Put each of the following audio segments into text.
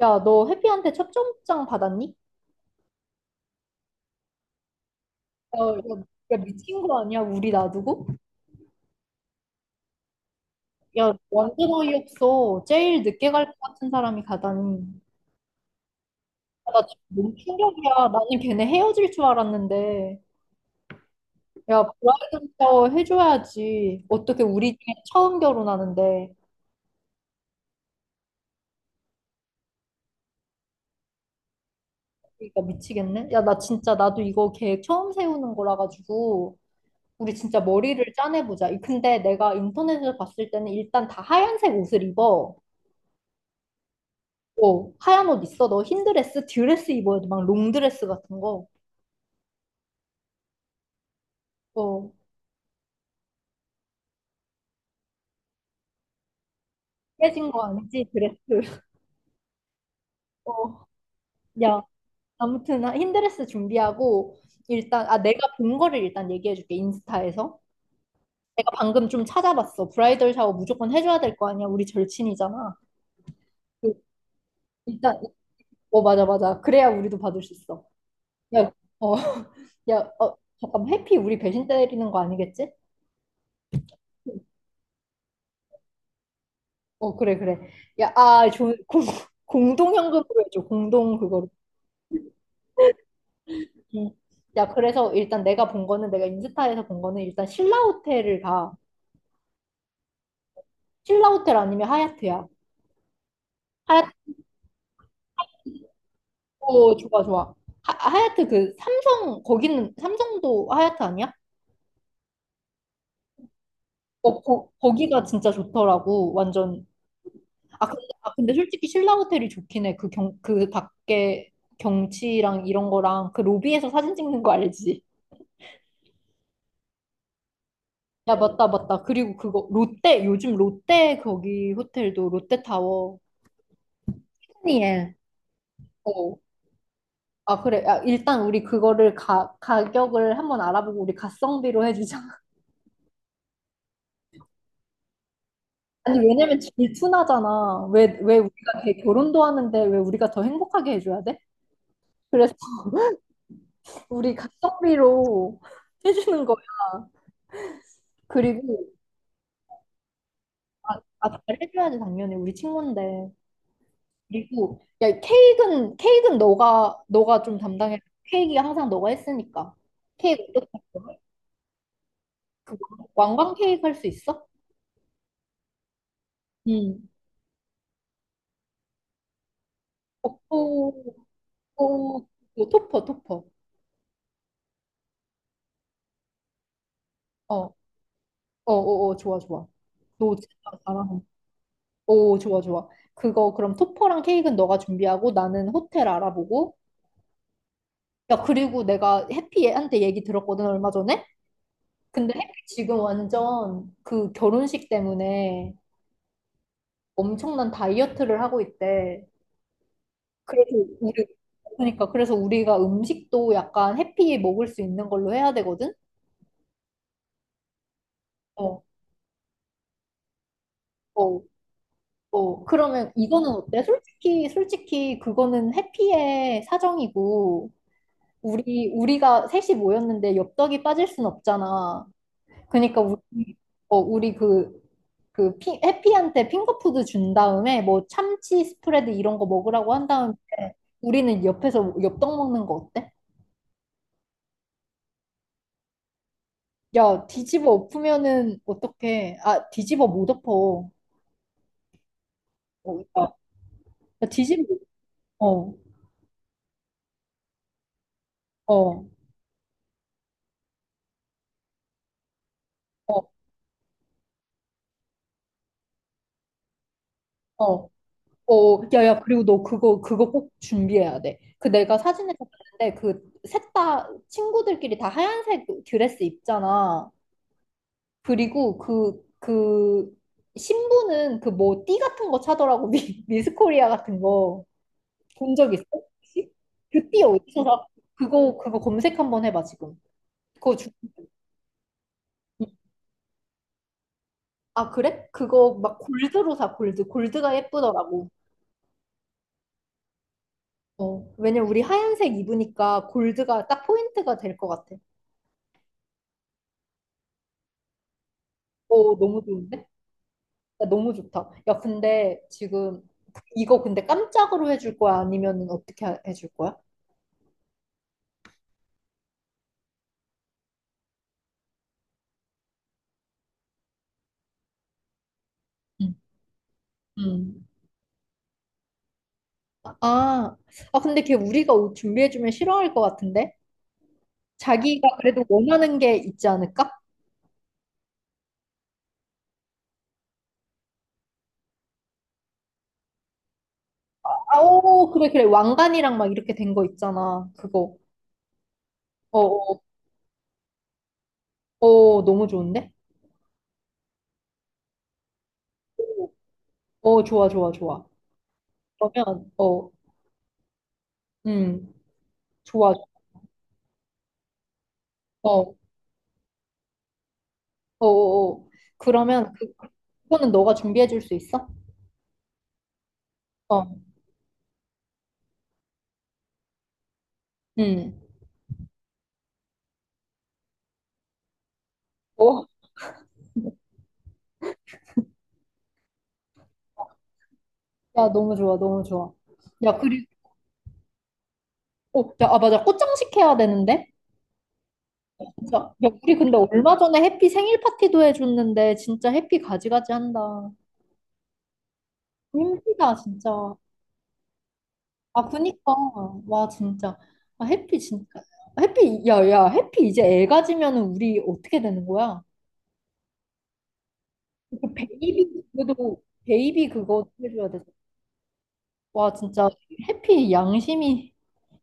야, 너 해피한테 첫점장 받았니? 야, 야, 야, 미친 거 아니야? 우리 놔두고? 야, 완전 어이없어. 제일 늦게 갈 것 같은 사람이 가다니. 야, 나 지금 너무 충격이야. 나는 걔네 헤어질 줄 알았는데. 야, 브라이덜 샤워 해줘야지. 어떻게 우리 중에 처음 결혼하는데. 그러니까 미치겠네. 야, 나 진짜 나도 이거 계획 처음 세우는 거라 가지고. 우리 진짜 머리를 짜내보자. 근데 내가 인터넷에서 봤을 때는 일단 다 하얀색 옷을 입어. 어, 하얀 옷 있어. 너 흰 드레스 입어야 돼. 막 롱드레스 같은 거. 어, 깨진 거 아니지? 드레스. 어, 야, 아무튼 나 흰 드레스 준비하고 일단 아 내가 본 거를 일단 얘기해 줄게. 인스타에서. 내가 방금 좀 찾아봤어. 브라이덜 샤워 무조건 해줘야 될 거 아니야. 우리 절친이잖아. 그, 일단 어 맞아 맞아. 그래야 우리도 받을 수 있어. 야, 어, 야, 어, 잠깐 해피 우리 배신 때리는 거 아니겠지? 어 그래 그래. 야, 아, 공동현금으로 해줘. 공동 그거. 음. 야, 그래서 일단 내가 본 거는 내가 인스타에서 본 거는 일단 신라 호텔을 가. 신라 호텔 아니면 하얏트야. 하얏트 오, 좋아 좋아. 하얏트 그 삼성 거기는 삼성도 하얏트 아니야? 어, 거기가 진짜 좋더라고. 완전 아 근데, 아, 근데 솔직히 신라 호텔이 좋긴 해. 그 밖에 경치랑 이런 거랑 그 로비에서 사진 찍는 거 알지? 야, 맞다, 맞다. 그리고 그거, 롯데, 요즘 롯데 거기 호텔도 롯데타워. 푸니엘. 어, 아, 그래. 아, 일단 우리 그거를 가격을 한번 알아보고 우리 가성비로 해주자. 아니, 왜냐면 질투나잖아. 왜 우리가 걔 결혼도 하는데 왜 우리가 더 행복하게 해줘야 돼? 그래서 우리 가성비로 해주는 거야. 그리고, 아, 아, 잘해줘야지, 당연히. 우리 친구인데. 그리고, 야, 케이크는 너가 좀 담당해. 케이크 항상 너가 했으니까. 케이크 어떻게 할 거야? 그거 왕관 케이크 할 수 있어? 응. 음. 어, 오, 오, 토퍼, 토퍼. 어, 어, 어, 어, 좋아, 좋아. 너 진짜 잘하네. 오, 좋아, 좋아. 그거, 그럼 토퍼랑 케이크는 너가 준비하고 나는 호텔 알아보고. 야, 그리고 내가 해피한테 얘기 들었거든, 얼마 전에? 근데 해피 지금 완전 그 결혼식 때문에 엄청난 다이어트를 하고 있대. 그래서 우리, 그러니까, 그래서 우리가 음식도 약간 해피 먹을 수 있는 걸로 해야 되거든? 어, 어. 어, 그러면 이거는 어때? 솔직히 그거는 해피의 사정이고, 우리가 셋이 모였는데 엽떡이 빠질 순 없잖아. 그러니까 우리, 어, 우리 그, 해피한테 핑거푸드 준 다음에 뭐 참치 스프레드 이런 거 먹으라고 한 다음에 우리는 옆에서 엽떡 먹는 거 어때? 야, 뒤집어 엎으면은 어떡해. 아, 뒤집어 못 엎어. 어, 야, 야, 뒤집어, 어, 어, 어, 어. 어, 야, 야, 그리고 너 그거, 그거 꼭 준비해야 돼. 그 내가 사진에서 봤는데, 그, 셋 다 친구들끼리 다 하얀색 드레스 입잖아. 그리고 그, 그, 신부는 그 뭐, 띠 같은 거 차더라고. 미스 코리아 같은 거. 본 적 있어? 혹시? 그 띠 어디서 사? 그거, 그거 검색 한번 해봐, 지금. 그거 주... 아, 그래? 그거 막 골드로 사, 골드. 골드가 예쁘더라고. 어, 왜냐면 우리 하얀색 입으니까 골드가 딱 포인트가 될 것 같아. 오, 너무 좋은데? 야, 너무 좋다. 야, 근데 지금 이거 근데 깜짝으로 해줄 거야? 아니면 해줄 거야? 응. 음. 아, 아, 근데 걔 우리가 옷 준비해주면 싫어할 것 같은데? 자기가 그래도 원하는 게 있지 않을까? 아, 오, 그래, 그래. 왕관이랑 막 이렇게 된 거 있잖아. 그거. 어, 어, 어, 너무 좋은데? 어, 좋아, 좋아, 좋아. 그러면, 어, 음, 좋아. 어, 어, 어, 어. 그러면 그, 그거는 너가 준비해줄 수 있어? 어, 음. 어, 야, 너무 좋아, 너무 좋아. 야, 그리고, 어, 야, 아, 맞아. 꽃장식 해야 되는데? 진짜. 야, 우리 근데 얼마 전에 해피 생일 파티도 해줬는데, 진짜 해피 가지가지 한다. 힘들다, 진짜. 아, 그니까. 와, 진짜. 아, 해피, 진짜. 해피, 야, 야, 해피 이제 애 가지면은 우리 어떻게 되는 거야? 그 베이비, 그래도 베이비 그거 해줘야 돼. 와, 진짜 해피 양심이.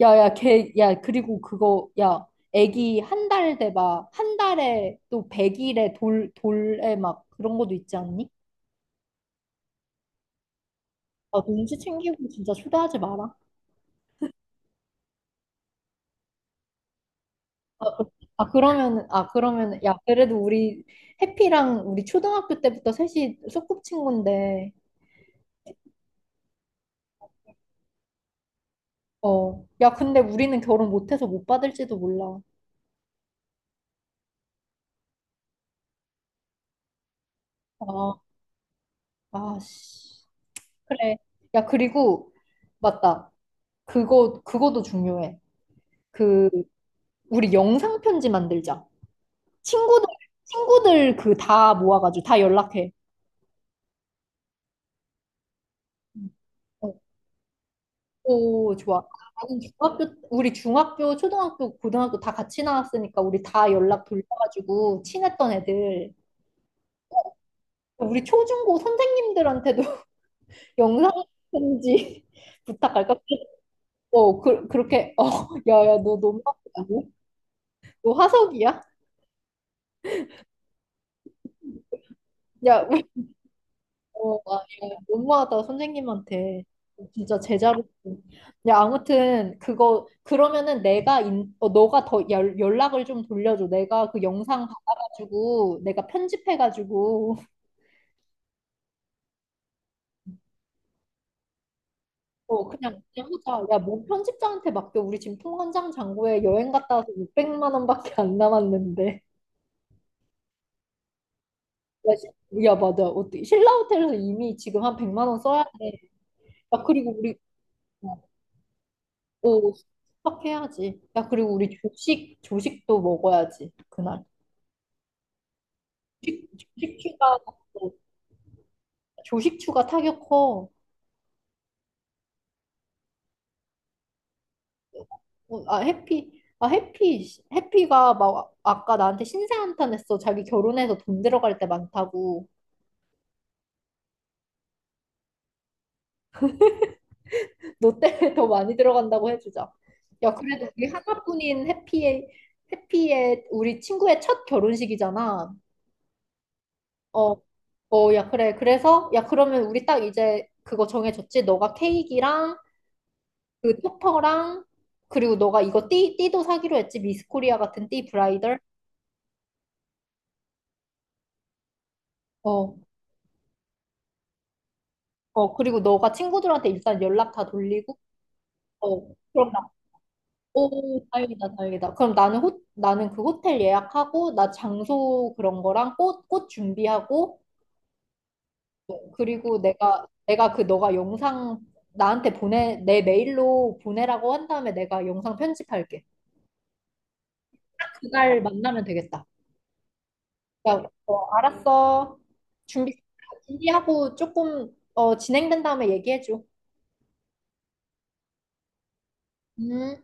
야, 야, 걔, 야, 그리고 그거, 야, 애기 한 달 돼 막, 한 달에 또 100일에 돌에 막 그런 것도 있지 않니? 아, 눈치 챙기고 진짜 초대하지 마라. 아, 아 그러면, 아, 그러면, 야, 그래도 우리 해피랑 우리 초등학교 때부터 셋이 소꿉친구인데, 어, 야, 근데 우리는 결혼 못해서 못 받을지도 몰라. 아, 아, 씨. 그래. 야, 그리고, 맞다. 그거도 중요해. 그, 우리 영상 편지 만들자. 친구들, 친구들 그 다 모아가지고 다 연락해. 어, 오, 좋아. 나는 중학교, 우리 중학교, 초등학교, 고등학교 다 같이 나왔으니까 우리 다 연락 돌려가지고 친했던 애들. 우리 초중고 선생님들한테도 영상 편지 부탁할까? 어, 그, 그렇게, 어, 야, 야, 너 너무 나쁘다고? 너 화석이야? 야, 어, 아, 예. 너무하다, 선생님한테. 진짜 제자로. 야, 아무튼, 그거, 그러면은 너가 더 연락을 좀 돌려줘. 내가 그 영상 받아가지고, 내가 편집해가지고, 어, 그냥 하자. 야, 뭐 편집자한테 맡겨. 우리 지금 통관장 잔고에 여행 갔다 와서 600만 원밖에 안 남았는데. 야, 맞아. 어떻게, 신라 호텔에서 이미 지금 한 100만 원 써야 돼. 야, 그리고 우리, 어, 오, 숙박해야지. 야, 그리고 우리 조식, 조식도 먹어야지, 그날. 조식 추가, 조식 추가 타격 커. 어, 아, 해피. 아, 해피. 해피가 막 아까 나한테 신세 한탄했어. 자기 결혼해서 돈 들어갈 때 많다고. 너 때문에 더 많이 들어간다고 해주자. 야, 그래도 우리 하나뿐인 해피의, 해피의 우리 친구의 첫 결혼식이잖아. 어, 어, 야, 그래. 그래서, 야, 그러면 우리 딱 이제 그거 정해졌지? 너가 케이크랑 그 토퍼랑 그리고 너가 이거 띠 띠도 사기로 했지. 미스코리아 같은 띠 브라이덜 어 어 그리고 너가 친구들한테 일단 연락 다 돌리고 어 그럼 나오 다행이다 다행이다. 그럼 나는 호 나는 그 호텔 예약하고 나 장소 그런 거랑 꽃 준비하고 그리고 내가 그 너가 영상 나한테 보내 내 메일로 보내라고 한 다음에 내가 영상 편집할게. 그날 만나면 되겠다. 그러니까 어, 알았어. 준비, 준비하고 조금, 어, 진행된 다음에 얘기해줘. 음.